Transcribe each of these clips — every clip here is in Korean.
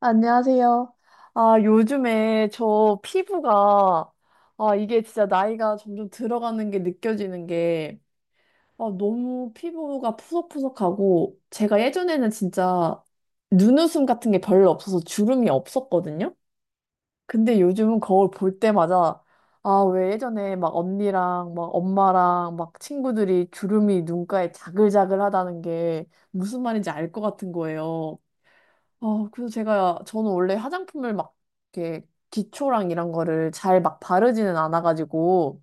안녕하세요. 요즘에 저 피부가, 이게 진짜 나이가 점점 들어가는 게 느껴지는 게, 너무 피부가 푸석푸석하고, 제가 예전에는 진짜 눈웃음 같은 게 별로 없어서 주름이 없었거든요? 근데 요즘은 거울 볼 때마다, 왜 예전에 막 언니랑 막 엄마랑 막 친구들이 주름이 눈가에 자글자글하다는 게 무슨 말인지 알 것 같은 거예요. 그래서 제가, 저는 원래 화장품을 막, 이렇게, 기초랑 이런 거를 잘 막 바르지는 않아가지고,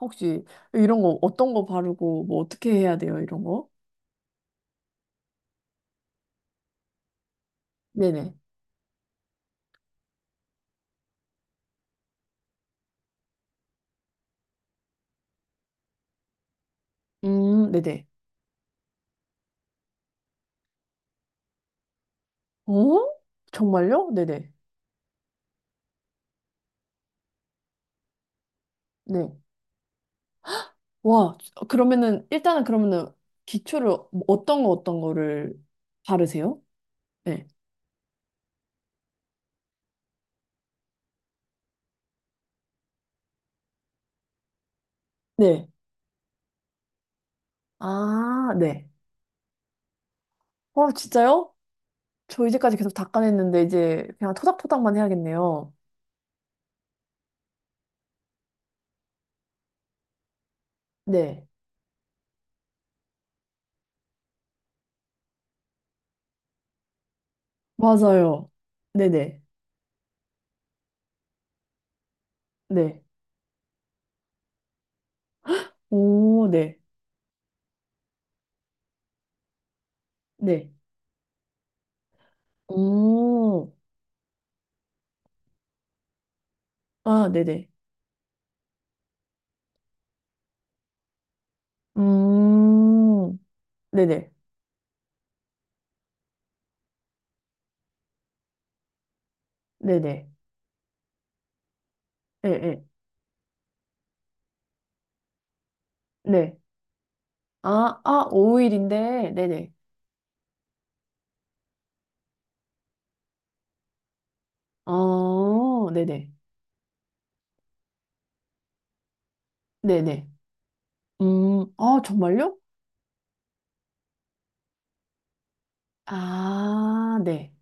혹시 이런 거, 어떤 거 바르고, 뭐, 어떻게 해야 돼요, 이런 거? 네네. 네네. 어? 정말요? 네네. 네. 와, 그러면은, 일단은 그러면은, 기초를 뭐 어떤 거, 어떤 거를 바르세요? 네. 네. 아, 네. 어, 진짜요? 저 이제까지 계속 닦아냈는데, 이제 그냥 토닥토닥만 해야겠네요. 네. 맞아요. 네네. 네. 오, 네. 네. 오, 아, 네네. 음, 네네. 네네. 네네. 네. 아, 아, 5일인데, 네네. 아 네네. 네네. 음, 아, 정말요? 아, 네.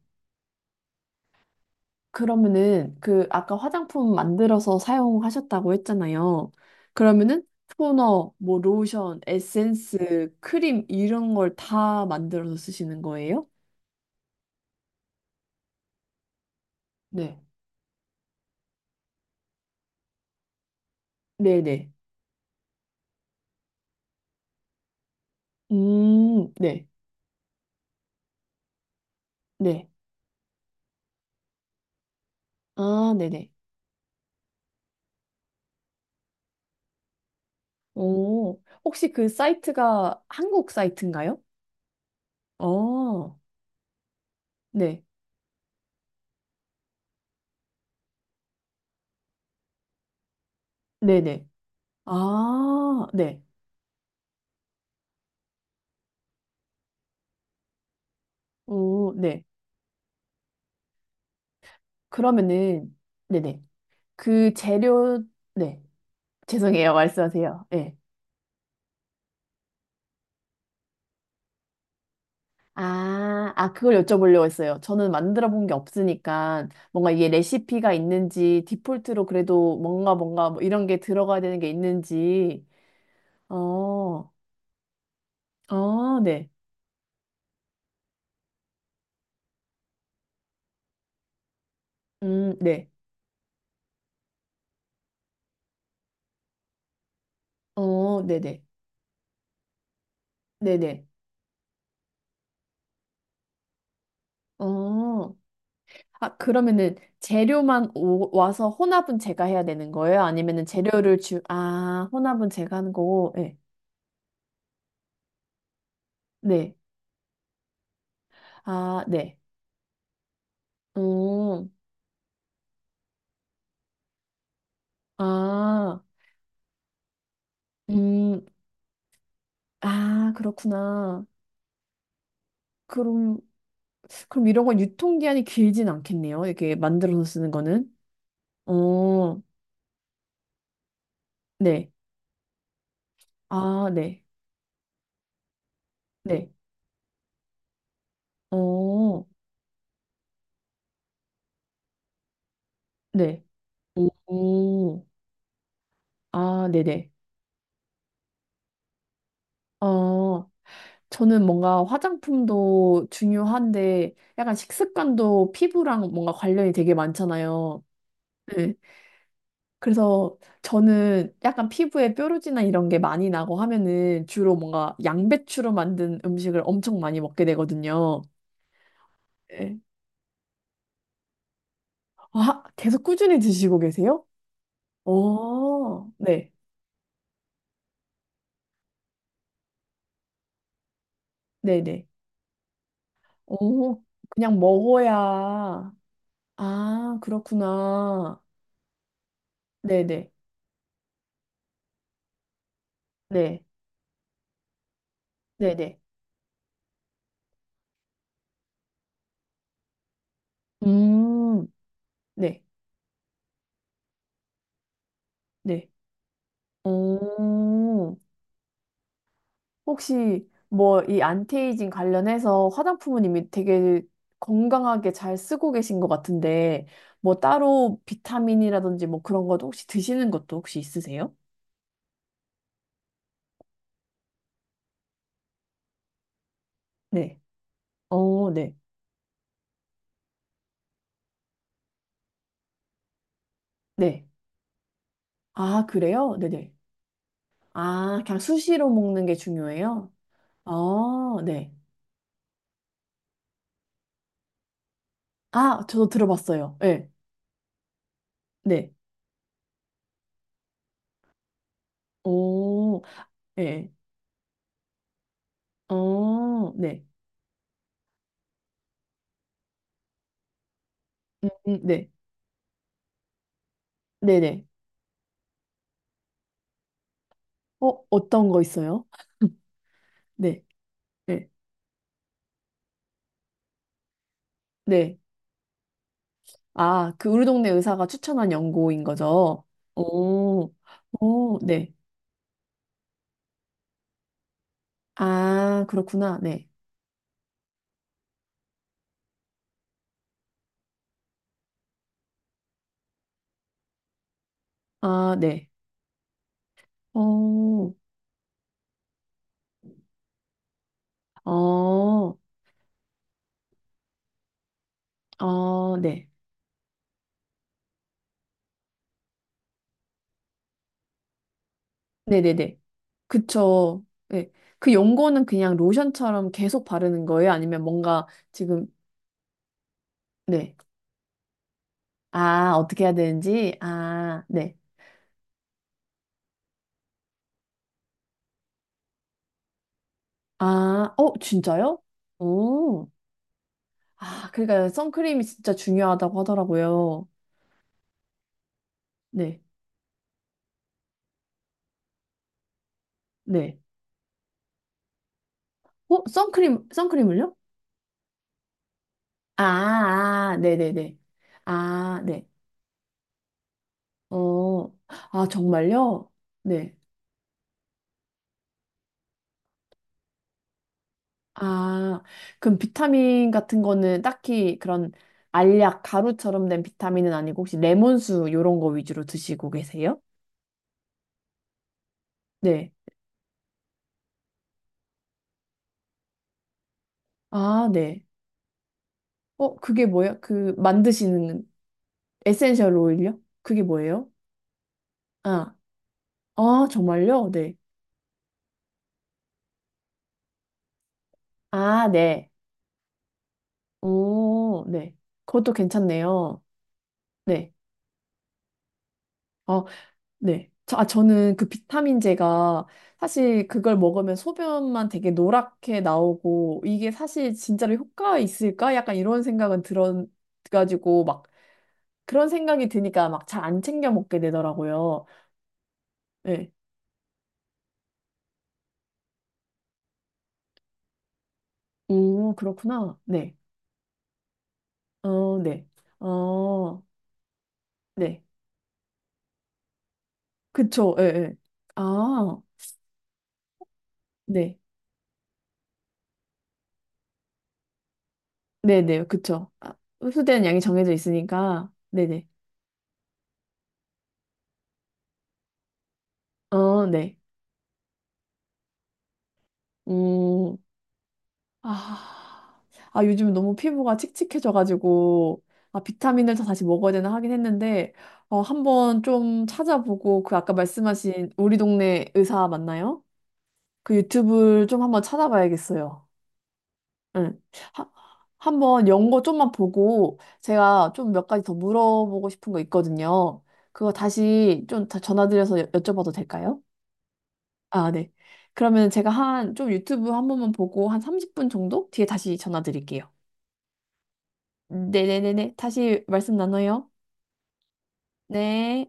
그러면은 그 아까 화장품 만들어서 사용하셨다고 했잖아요. 그러면은 토너, 뭐 로션, 에센스, 크림 이런 걸 다 만들어서 쓰시는 거예요? 네. 네네. 네. 네. 아, 네네. 오, 혹시 그 사이트가 한국 사이트인가요? 어, 네. 네네. 아, 네. 오, 네. 그러면은, 네네. 그 재료, 네. 죄송해요. 말씀하세요. 네. 아, 아, 그걸 여쭤보려고 했어요. 저는 만들어 본 게 없으니까 뭔가 이게 레시피가 있는지 디폴트로 그래도 뭔가 뭔가 이런 게 들어가야 되는 게 있는지. 어, 어, 네. 네. 어, 네네. 네네. 어. 아, 그러면은 재료만 오, 와서 혼합은 제가 해야 되는 거예요? 아니면은 재료를 주, 아, 혼합은 제가 하는 거고, 네. 네. 아, 네. 음, 아, 음, 아, 그렇구나. 그럼, 그럼 이런 건 유통기한이 길진 않겠네요. 이렇게 만들어서 쓰는 거는. 어, 네. 아, 네. 네. 어, 네. 오, 아, 네네. 어, 저는 뭔가 화장품도 중요한데 약간 식습관도 피부랑 뭔가 관련이 되게 많잖아요. 네. 그래서 저는 약간 피부에 뾰루지나 이런 게 많이 나고 하면은 주로 뭔가 양배추로 만든 음식을 엄청 많이 먹게 되거든요. 네. 아, 계속 꾸준히 드시고 계세요? 어, 네, 네네. 오, 그냥 먹어야. 아, 그렇구나. 네네, 네, 네네. 음, 네, 네. 오, 혹시 뭐 이 안티에이징 관련해서 화장품은 이미 되게 건강하게 잘 쓰고 계신 것 같은데, 뭐 따로 비타민이라든지 뭐 그런 것도 혹시 드시는 것도 혹시 있으세요? 네. 어, 네. 네. 아, 그래요? 네네. 아, 그냥 수시로 먹는 게 중요해요? 아, 네. 아, 저도 들어봤어요. 네. 네. 오, 네. 어, 네. 네. 네네. 어, 어떤 거 있어요? 네. 네. 네. 아, 그 우리 동네 의사가 추천한 연고인 거죠? 오, 오, 네. 아, 그렇구나. 네. 아, 네. 오, 어, 어, 네. 네네네. 그쵸. 네. 그 연고는 그냥 로션처럼 계속 바르는 거예요? 아니면 뭔가 지금, 네. 아, 어떻게 해야 되는지? 아, 네. 아, 어, 진짜요? 오. 아, 그러니까 선크림이 진짜 중요하다고 하더라고요. 네. 네. 어, 선크림, 선크림을요? 아, 아, 아. 네네네. 아, 네. 어, 아, 정말요? 네. 아, 그럼 비타민 같은 거는 딱히 그런 알약, 가루처럼 된 비타민은 아니고 혹시 레몬수 요런 거 위주로 드시고 계세요? 네. 아, 네. 어, 그게 뭐야? 그 만드시는 에센셜 오일요? 그게 뭐예요? 아, 아, 정말요? 네. 아, 네. 오, 네. 그것도 괜찮네요. 네. 어, 네. 저는 그 비타민제가 사실 그걸 먹으면 소변만 되게 노랗게 나오고 이게 사실 진짜로 효과가 있을까? 약간 이런 생각은 들어가지고 막 그런 생각이 드니까 막 잘 안 챙겨 먹게 되더라고요. 네. 오, 그렇구나. 네. 어, 네. 어, 네. 그쵸. 예, 예. 아, 네. 네네. 그쵸. 아, 흡수되는 양이 정해져 있으니까. 네네. 어, 네. 음. 아, 아, 요즘 너무 피부가 칙칙해져가지고, 아, 비타민을 다 다시 먹어야 되나 하긴 했는데, 어, 한번 좀 찾아보고, 그 아까 말씀하신 우리 동네 의사 맞나요? 그 유튜브를 좀 한번 찾아봐야겠어요. 응. 하- 한번 연고 좀만 보고, 제가 좀 몇 가지 더 물어보고 싶은 거 있거든요. 그거 다시 좀 다- 전화드려서 여- 여쭤봐도 될까요? 아, 네. 그러면 제가 한, 좀 유튜브 한 번만 보고, 한 30분 정도 뒤에 다시 전화드릴게요. 네네네네. 다시 말씀 나눠요. 네.